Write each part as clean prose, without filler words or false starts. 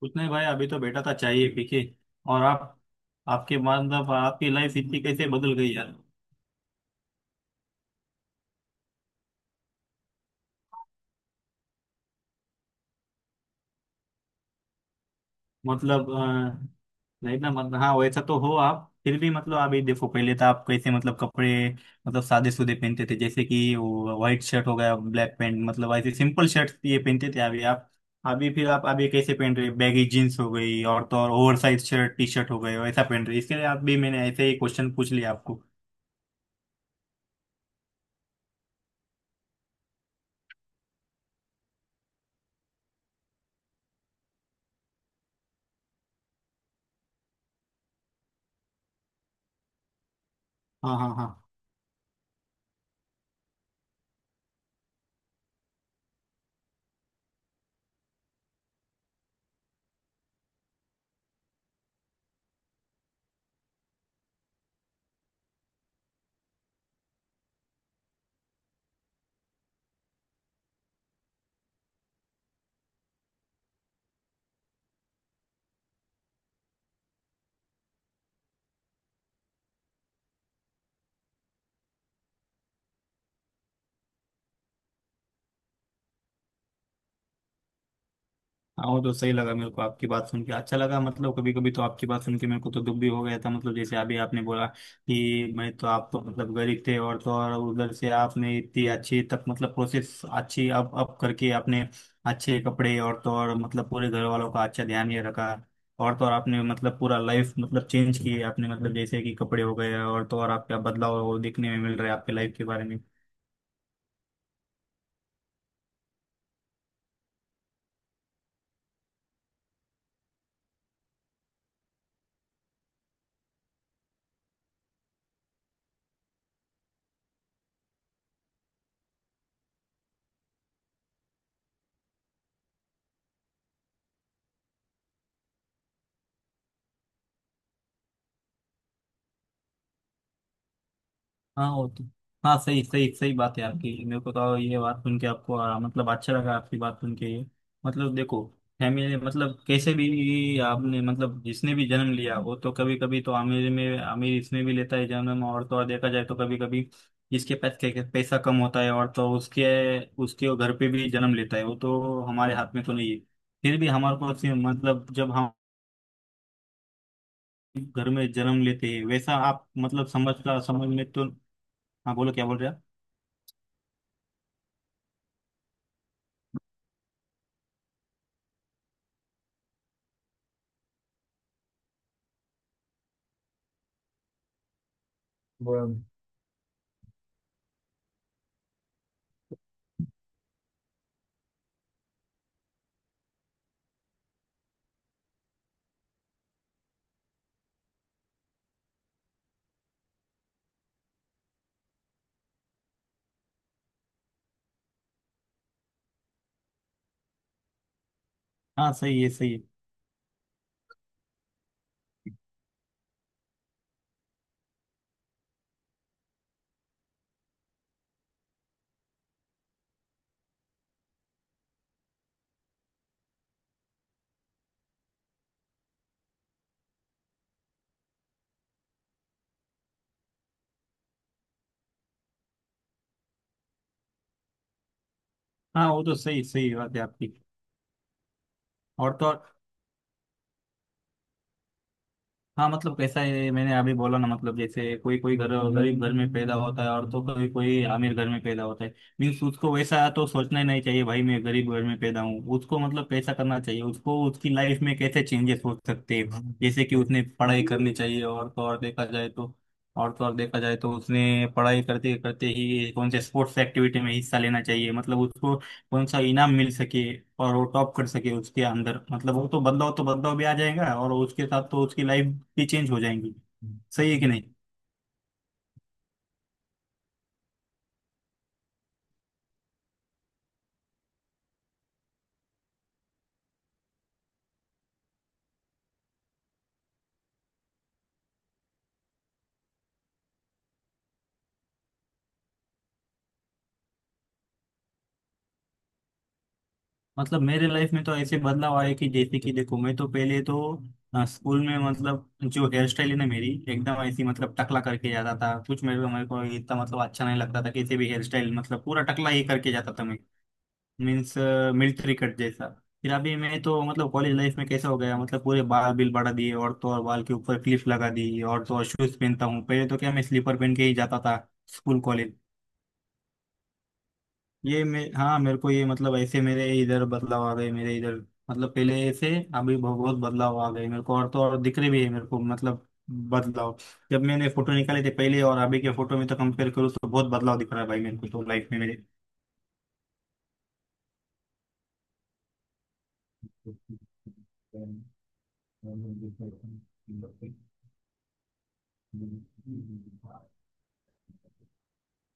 कुछ नहीं भाई, अभी तो बैठा था चाहिए पी के। और आप? आपके मतलब आपकी लाइफ इतनी कैसे बदल गई यार। मतलब नहीं ना, मतलब हाँ वैसा तो हो, आप फिर भी मतलब अभी देखो पहले तो आप कैसे मतलब कपड़े मतलब सादे सूदे पहनते थे, जैसे कि वो व्हाइट शर्ट हो गया, ब्लैक पैंट, मतलब ऐसे सिंपल शर्ट ये पहनते थे। अभी आप, अभी फिर आप अभी कैसे पहन रहे, बैगी जीन्स हो गई और तो और over size shirt T shirt हो गए, वैसा पहन रहे। इसके लिए आप भी मैंने ऐसे ही क्वेश्चन पूछ लिया आपको। हाँ, हाँ, हाँ। हाँ वो तो सही लगा मेरे को, आपकी बात सुन के अच्छा लगा। मतलब कभी कभी तो आपकी बात सुन के मेरे को तो दुख भी हो गया था। मतलब जैसे अभी आपने बोला कि मैं तो, आप तो मतलब गरीब थे, और तो और उधर से आपने इतनी अच्छी तक मतलब प्रोसेस अच्छी अप अप करके आपने अच्छे कपड़े, और तो और मतलब पूरे घर वालों का अच्छा ध्यान ये रखा। और तो और आपने मतलब पूरा लाइफ मतलब चेंज किए आपने, मतलब जैसे कि कपड़े हो गए और तो और आपका बदलाव दिखने में मिल रहा है आपके लाइफ के बारे में। हाँ वो तो, हाँ सही सही सही बात है आपकी। मेरे को तो ये बात सुन के आपको मतलब अच्छा लगा आपकी बात सुन के ये। मतलब देखो, फैमिली मतलब कैसे भी आपने मतलब जिसने भी जन्म लिया, वो तो कभी कभी तो अमीर में अमीर इसमें भी लेता है जन्म, और तो और देखा जाए तो कभी कभी जिसके पास पैसा कम होता है और तो उसके, उसके घर पे भी जन्म लेता है। वो तो हमारे हाथ में तो नहीं है। फिर भी हमारे को ऐसे मतलब जब हम घर में जन्म लेते हैं, वैसा आप मतलब समझ का समझ में तो। हाँ बोलो, क्या बोल रहे हैं आप? हाँ सही है, सही है। हाँ वो तो सही सही बात है आपकी। और तो और हाँ मतलब कैसा है, मैंने अभी बोला ना। मतलब जैसे कोई कोई घर गरीब घर में पैदा होता है और तो कोई कोई अमीर घर में पैदा होता है। मीन्स उसको वैसा तो सोचना ही नहीं चाहिए भाई, मैं गरीब घर में पैदा हूँ, उसको मतलब कैसा करना चाहिए, उसको उसकी लाइफ में कैसे चेंजेस हो सकते हैं, जैसे कि उसने पढ़ाई करनी चाहिए, और तो और देखा जाए तो और देखा जाए तो उसने पढ़ाई करते करते ही कौन से स्पोर्ट्स एक्टिविटी में हिस्सा लेना चाहिए, मतलब उसको कौन सा इनाम मिल सके और वो टॉप कर सके उसके अंदर। मतलब वो तो बदलाव, तो बदलाव भी आ जाएगा और उसके साथ तो उसकी लाइफ भी चेंज हो जाएंगी। सही है कि नहीं? मतलब मेरे लाइफ में तो ऐसे बदलाव आए कि जैसे कि देखो, मैं तो पहले तो स्कूल में, मतलब जो हेयर स्टाइल है ना मेरी, एकदम ऐसी मतलब टकला करके जाता था कुछ। मेरे को इतना मतलब अच्छा नहीं लगता था कैसे भी हेयर स्टाइल, मतलब पूरा टकला ही करके जाता था मैं। मीन्स मिलिट्री कट जैसा। फिर अभी मैं तो मतलब कॉलेज लाइफ में कैसा हो गया, मतलब पूरे बाल बिल बढ़ा दिए, और तो और बाल के ऊपर क्लिप लगा दी, और तो और शूज पहनता हूँ। पहले तो क्या मैं स्लीपर पहन के ही जाता था स्कूल कॉलेज। ये मैं, हाँ मेरे को ये मतलब ऐसे मेरे इधर बदलाव आ गए मेरे इधर, मतलब पहले ऐसे अभी बहुत बहुत बदलाव आ गए मेरे को, और तो और दिख रहे भी है मेरे को मतलब बदलाव। जब मैंने फोटो निकाले थे पहले और अभी के फोटो में तो कंपेयर करूँ, तो बहुत बदलाव दिख रहा है भाई मेरे को तो लाइफ में मेरे।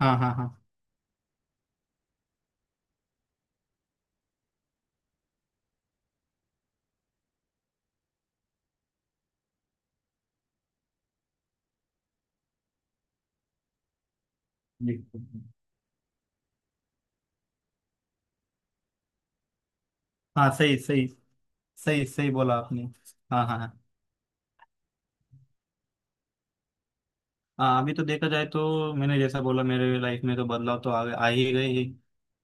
हाँ, हाँ, हाँ। हाँ सही सही, सही सही बोला आपने। हाँ, हाँ, हाँ। हाँ, अभी तो देखा जाए तो मैंने जैसा बोला, मेरे लाइफ में तो बदलाव तो आ ही गए ही।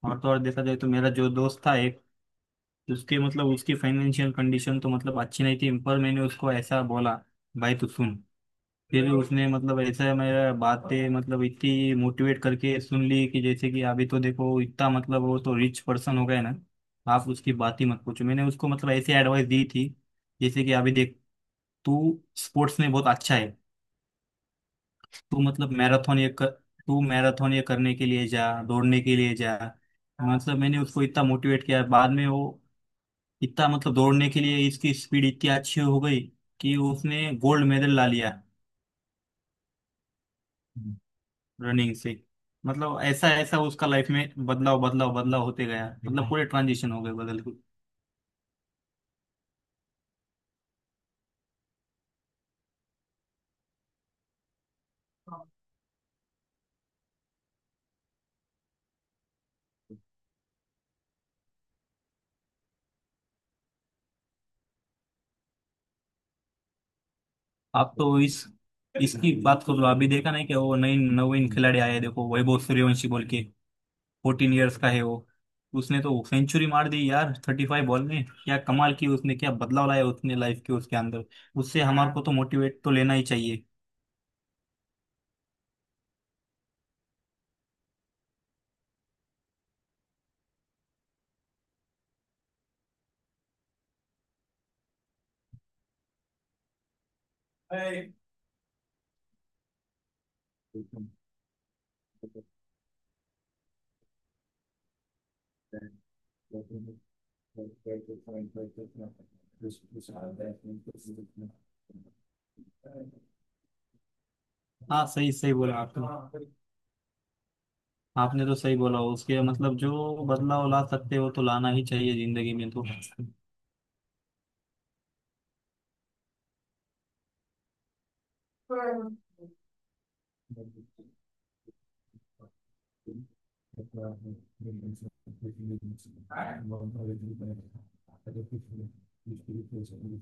और तो और देखा जाए तो, मेरा जो दोस्त था एक, उसके मतलब उसकी फाइनेंशियल कंडीशन तो मतलब अच्छी नहीं थी, पर मैंने उसको ऐसा बोला, भाई तू सुन। फिर उसने मतलब ऐसा मेरा बातें मतलब इतनी मोटिवेट करके सुन ली कि जैसे कि अभी तो देखो, इतना मतलब वो तो रिच पर्सन हो गए ना, आप उसकी बात ही मत पूछो। मैंने उसको मतलब ऐसी एडवाइस दी थी, जैसे कि अभी देख, तू स्पोर्ट्स में बहुत अच्छा है, तू मतलब मैराथन ये कर, तू मैराथन ये करने के लिए जा, दौड़ने के लिए जा। मतलब मैंने उसको इतना मोटिवेट किया, बाद में वो इतना मतलब दौड़ने के लिए इसकी स्पीड इतनी अच्छी हो गई कि उसने गोल्ड मेडल ला लिया, रनिंग से। मतलब ऐसा ऐसा उसका लाइफ में बदलाव बदलाव बदलाव होते गया, मतलब पूरे ट्रांजिशन हो गए बदल के। आप तो इस, इसकी बात कर लो, अभी देखा नहीं क्या वो नई नवीन खिलाड़ी आया है, देखो वैभव सूर्यवंशी बोल के। 14 इयर्स का है वो, उसने तो सेंचुरी मार दी यार 35 बॉल में, क्या कमाल की, उसने क्या बदलाव लाया उसने लाइफ के उसके अंदर। उससे हमारे को तो मोटिवेट तो लेना ही चाहिए। हाँ सही सही बोला आपने। आपने तो सही बोला, उसके मतलब जो बदलाव ला सकते हो तो लाना ही चाहिए जिंदगी में तो। हाँ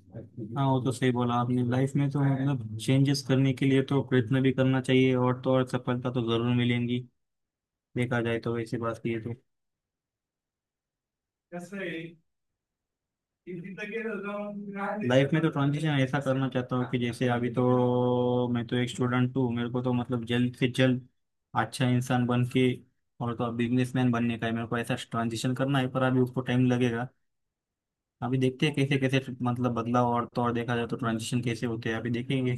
वो तो सही बोला आपने, लाइफ में तो मतलब चेंजेस करने के लिए तो प्रयत्न भी करना चाहिए, और तो और सफलता तो जरूर मिलेंगी। देखा जाए तो वैसी बात की है तो। लाइफ में तो ट्रांजिशन ऐसा करना चाहता हूँ कि जैसे अभी तो मैं तो एक स्टूडेंट हूँ, मेरे को तो मतलब जल्द से जल्द अच्छा इंसान बन के और तो बिजनेसमैन बनने का है मेरे को, ऐसा ट्रांजिशन करना है, पर अभी उसको टाइम लगेगा। अभी देखते हैं कैसे कैसे मतलब बदलाव, और तो और देखा जाए तो ट्रांजिशन कैसे होते हैं अभी देखेंगे।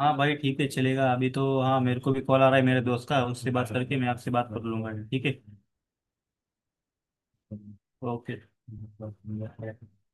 हाँ भाई ठीक है, चलेगा। अभी तो हाँ मेरे को भी कॉल आ रहा है मेरे दोस्त का, उससे बात करके मैं आपसे बात कर लूंगा, ठीक है। ओके।